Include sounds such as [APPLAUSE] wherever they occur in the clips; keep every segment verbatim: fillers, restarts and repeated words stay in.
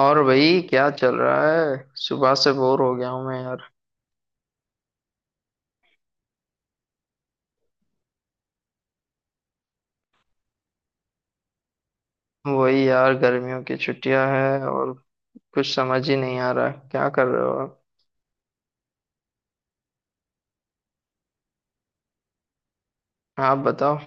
और भाई क्या चल रहा है? सुबह से बोर हो गया हूँ मैं यार। वही यार, गर्मियों की छुट्टियां हैं और कुछ समझ ही नहीं आ रहा है। क्या कर रहे हो आप? आप बताओ।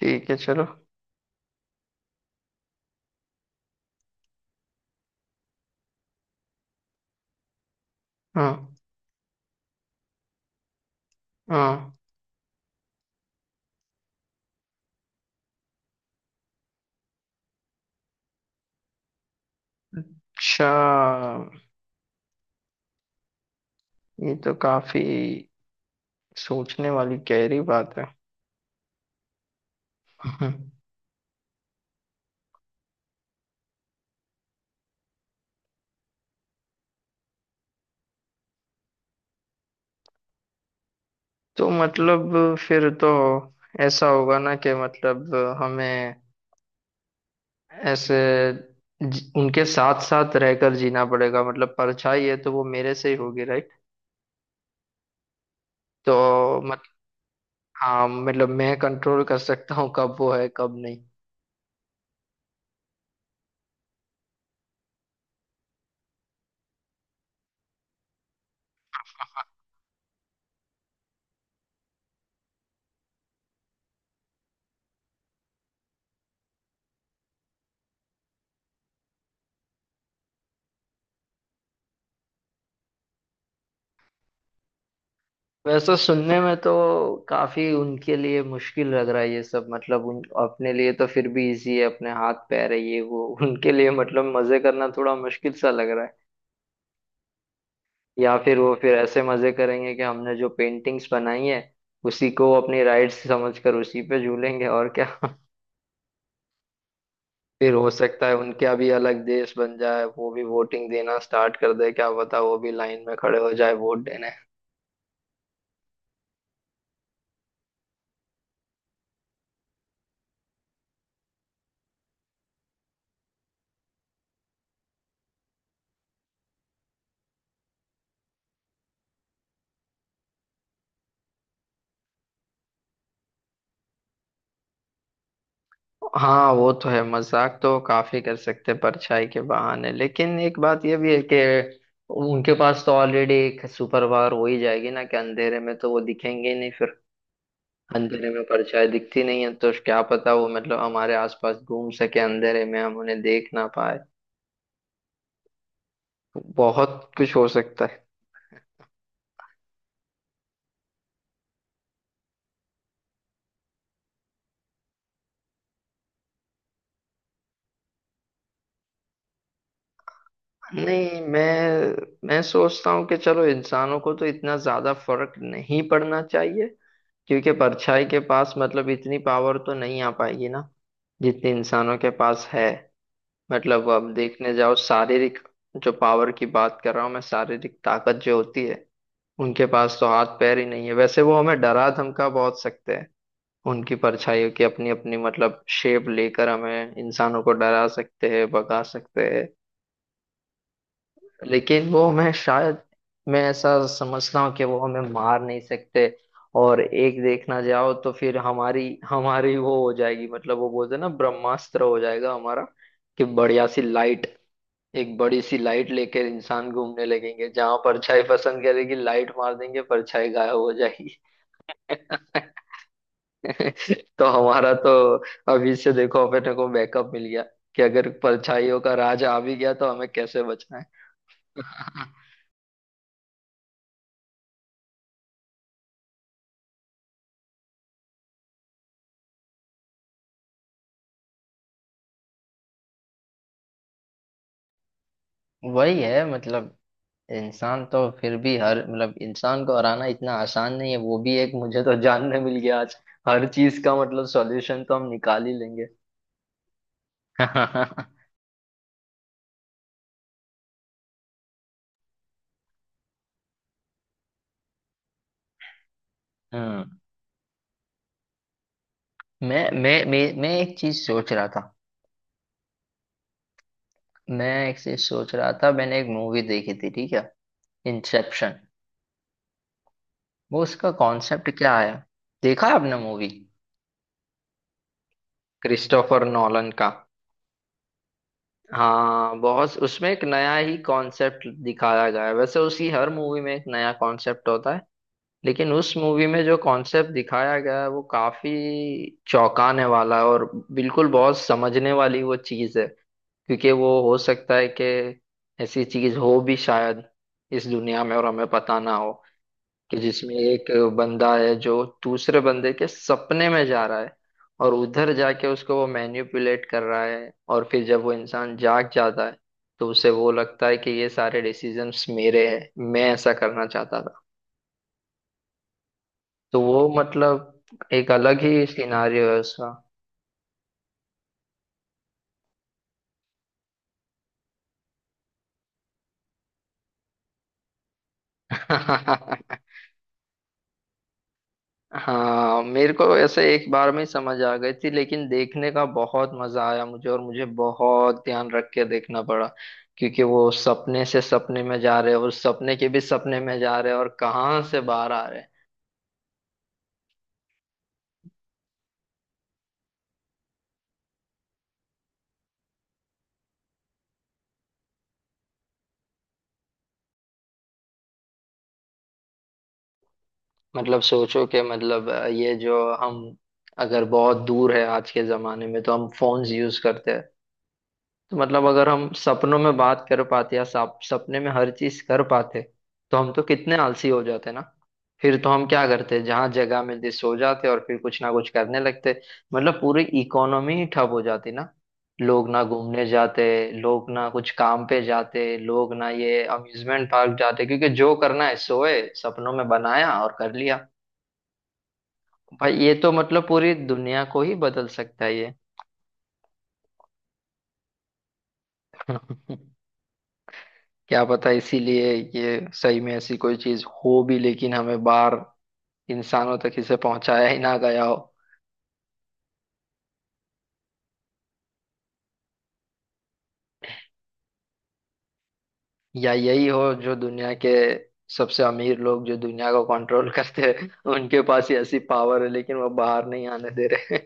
ठीक है, चलो। हाँ। हाँ। अच्छा, ये तो काफी सोचने वाली गहरी बात है। [LAUGHS] हम्म। तो मतलब फिर तो ऐसा होगा ना कि मतलब हमें ऐसे जी- उनके साथ साथ रहकर जीना पड़ेगा। मतलब परछाई है तो वो मेरे से ही होगी। तो मत हाँ, मतलब मैं कंट्रोल कर सकता हूँ कब वो है कब नहीं। वैसे सुनने में तो काफी उनके लिए मुश्किल लग रहा है ये सब। मतलब उन अपने लिए तो फिर भी इजी है, अपने हाथ पैर है ये वो। [LAUGHS] उनके लिए मतलब मजे करना थोड़ा मुश्किल सा लग रहा है। या फिर वो फिर ऐसे मजे करेंगे कि हमने जो पेंटिंग्स बनाई है उसी को अपनी राइट्स समझकर उसी पे झूलेंगे, और क्या। [LAUGHS] फिर हो सकता है उनका भी अलग देश बन जाए, वो भी वोटिंग देना स्टार्ट कर दे। क्या पता वो भी लाइन में खड़े हो जाए वोट देने। हाँ, वो तो है, मजाक तो काफी कर सकते हैं परछाई के बहाने। लेकिन एक बात ये भी है कि उनके पास तो ऑलरेडी एक सुपर पावर हो ही जाएगी ना कि अंधेरे में तो वो दिखेंगे ही नहीं फिर। अंधेरे में परछाई दिखती नहीं है, तो क्या पता वो मतलब हमारे आसपास घूम सके अंधेरे में, हम उन्हें देख ना पाए। बहुत कुछ हो सकता है। नहीं, मैं मैं सोचता हूँ कि चलो इंसानों को तो इतना ज्यादा फर्क नहीं पड़ना चाहिए, क्योंकि परछाई के पास मतलब इतनी पावर तो नहीं आ पाएगी ना जितनी इंसानों के पास है। मतलब अब देखने जाओ शारीरिक, जो पावर की बात कर रहा हूँ मैं, शारीरिक ताकत जो होती है, उनके पास तो हाथ पैर ही नहीं है। वैसे वो हमें डरा धमका बहुत सकते हैं, उनकी परछाइयों की अपनी अपनी मतलब शेप लेकर हमें इंसानों को डरा सकते हैं, भगा सकते हैं। लेकिन वो मैं शायद, मैं ऐसा समझता हूँ कि वो हमें मार नहीं सकते। और एक देखना जाओ तो फिर हमारी, हमारी वो हो जाएगी, मतलब वो बोलते हैं ना ब्रह्मास्त्र हो जाएगा हमारा। कि बढ़िया सी लाइट, एक बड़ी सी लाइट लेकर इंसान घूमने लगेंगे, जहां परछाई पसंद करेगी लाइट मार देंगे, परछाई गायब हो जाएगी। [LAUGHS] तो हमारा तो अभी से देखो अपने को बैकअप मिल गया कि अगर परछाइयों का राज आ भी गया तो हमें कैसे बचना है। [LAUGHS] वही है मतलब, इंसान तो फिर भी हर, मतलब इंसान को हराना इतना आसान नहीं है वो भी एक मुझे तो जानने मिल गया आज। हर चीज का मतलब सॉल्यूशन तो हम निकाल ही लेंगे। [LAUGHS] हम्म। मैं मैं मैं मैं एक चीज सोच रहा था, मैं एक चीज सोच रहा था, मैंने एक मूवी देखी थी, ठीक है। इंसेप्शन। वो, उसका कॉन्सेप्ट क्या है? देखा है आपने मूवी? क्रिस्टोफर नॉलन का। हाँ, बहुत। उसमें एक नया ही कॉन्सेप्ट दिखाया गया है। वैसे उसकी हर मूवी में एक नया कॉन्सेप्ट होता है, लेकिन उस मूवी में जो कॉन्सेप्ट दिखाया गया है वो काफी चौंकाने वाला है, और बिल्कुल बहुत समझने वाली वो चीज है। क्योंकि वो हो सकता है कि ऐसी चीज हो भी शायद इस दुनिया में और हमें पता ना हो। कि जिसमें एक बंदा है जो दूसरे बंदे के सपने में जा रहा है, और उधर जाके उसको वो मैनिपुलेट कर रहा है, और फिर जब वो इंसान जाग जाता है तो उसे वो लगता है कि ये सारे डिसीजंस मेरे हैं, मैं ऐसा करना चाहता था। तो वो मतलब एक अलग ही सिनारियो है उसका। [LAUGHS] हाँ, मेरे को ऐसे एक बार में ही समझ आ गई थी, लेकिन देखने का बहुत मजा आया मुझे, और मुझे बहुत ध्यान रख के देखना पड़ा क्योंकि वो सपने से सपने में जा रहे हैं, और सपने के भी सपने में जा रहे हैं, और कहाँ से बाहर आ रहे हैं। मतलब सोचो कि मतलब अ, ये जो हम, अगर बहुत दूर है आज के जमाने में तो हम फोन्स यूज करते हैं, तो मतलब अगर हम सपनों में बात कर पाते या सप, सपने में हर चीज कर पाते तो हम तो कितने आलसी हो जाते ना। फिर तो हम क्या करते, जहां जगह मिलती सो जाते और फिर कुछ ना कुछ करने लगते। मतलब पूरी इकोनॉमी ही ठप हो जाती ना। लोग ना घूमने जाते, लोग ना कुछ काम पे जाते, लोग ना ये अम्यूजमेंट पार्क जाते, क्योंकि जो करना है सोए सपनों में बनाया और कर लिया। भाई ये तो मतलब पूरी दुनिया को ही बदल सकता है ये। [LAUGHS] क्या पता इसीलिए ये सही में ऐसी कोई चीज हो भी, लेकिन हमें बाहर इंसानों तक इसे पहुंचाया ही ना गया हो। या यही हो जो दुनिया के सबसे अमीर लोग जो दुनिया को कंट्रोल करते हैं उनके पास ही ऐसी पावर है, लेकिन वो बाहर नहीं आने दे रहे।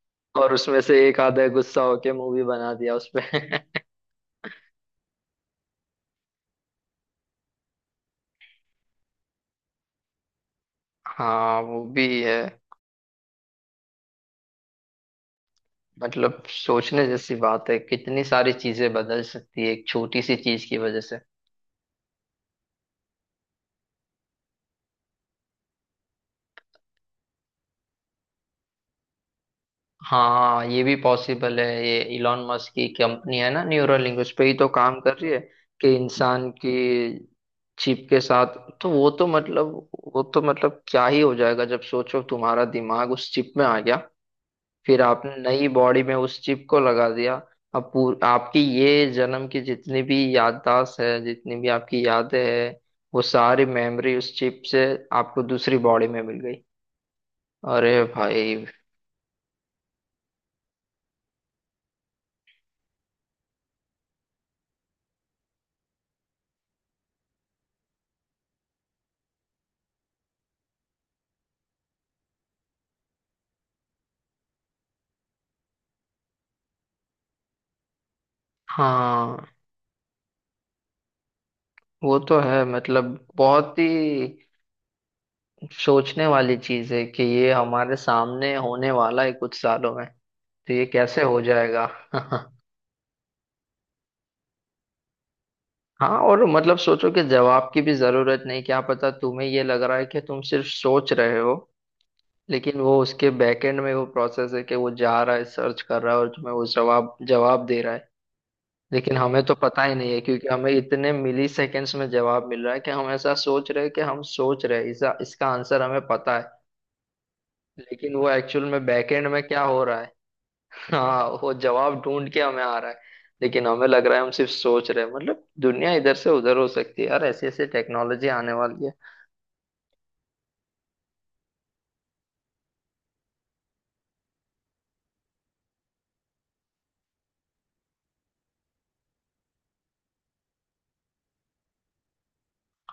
[LAUGHS] और उसमें से एक आधा गुस्सा होके मूवी बना दिया उसपे। [LAUGHS] हाँ, वो भी है। मतलब सोचने जैसी बात है, कितनी सारी चीजें बदल सकती है एक छोटी सी चीज की वजह से। हाँ, ये भी पॉसिबल है। ये इलॉन मस्क की कंपनी है ना न्यूरोलिंक, उस पे ही तो काम कर रही है कि इंसान की चिप के साथ। तो वो तो मतलब, वो तो मतलब क्या ही हो जाएगा, जब सोचो तुम्हारा दिमाग उस चिप में आ गया, फिर आपने नई बॉडी में उस चिप को लगा दिया। अब पूर, आपकी ये जन्म की जितनी भी याददाश्त है, जितनी भी आपकी यादें हैं, वो सारी मेमोरी उस चिप से आपको दूसरी बॉडी में मिल गई। अरे भाई! हाँ, वो तो है। मतलब बहुत ही सोचने वाली चीज है कि ये हमारे सामने होने वाला है कुछ सालों में। तो ये कैसे हो जाएगा? [LAUGHS] हाँ, और मतलब सोचो कि जवाब की भी जरूरत नहीं, क्या पता तुम्हें ये लग रहा है कि तुम सिर्फ सोच रहे हो, लेकिन वो उसके बैकएंड में वो प्रोसेस है कि वो जा रहा है सर्च कर रहा है और तुम्हें वो जवाब जवाब दे रहा है। लेकिन हमें तो पता ही नहीं है क्योंकि हमें इतने मिली सेकेंड्स में जवाब मिल रहा है कि हम ऐसा सोच रहे हैं कि हम सोच रहे हैं इसका इसका आंसर हमें पता है। लेकिन वो एक्चुअल में बैकएंड में क्या हो रहा है। [LAUGHS] हाँ, वो जवाब ढूंढ के हमें आ रहा है, लेकिन हमें लग रहा है हम सिर्फ सोच रहे हैं। मतलब दुनिया इधर से उधर हो सकती है यार, ऐसी ऐसी टेक्नोलॉजी आने वाली है।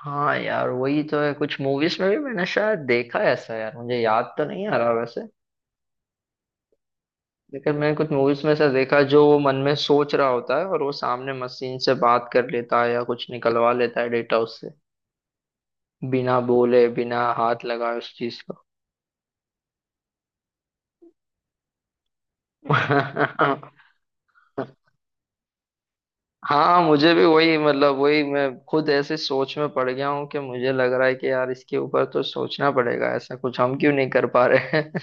हाँ यार, वही तो है। कुछ मूवीज में भी मैंने शायद देखा है ऐसा यार, मुझे याद तो नहीं आ रहा वैसे, लेकिन मैंने कुछ मूवीज में ऐसा देखा जो वो मन में सोच रहा होता है और वो सामने मशीन से बात कर लेता है, या कुछ निकलवा लेता है डेटा उससे, बिना बोले, बिना हाथ लगाए उस चीज को। [LAUGHS] हाँ, मुझे भी वही, मतलब वही, मैं खुद ऐसे सोच में पड़ गया हूँ कि मुझे लग रहा है कि यार इसके ऊपर तो सोचना पड़ेगा, ऐसा कुछ हम क्यों नहीं कर पा रहे हैं।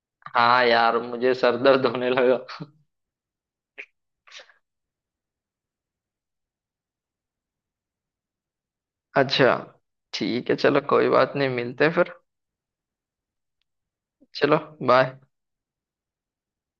[LAUGHS] हाँ यार, मुझे सर दर्द होने लगा। अच्छा, ठीक है, चलो कोई बात नहीं, मिलते हैं फिर। चलो, बाय।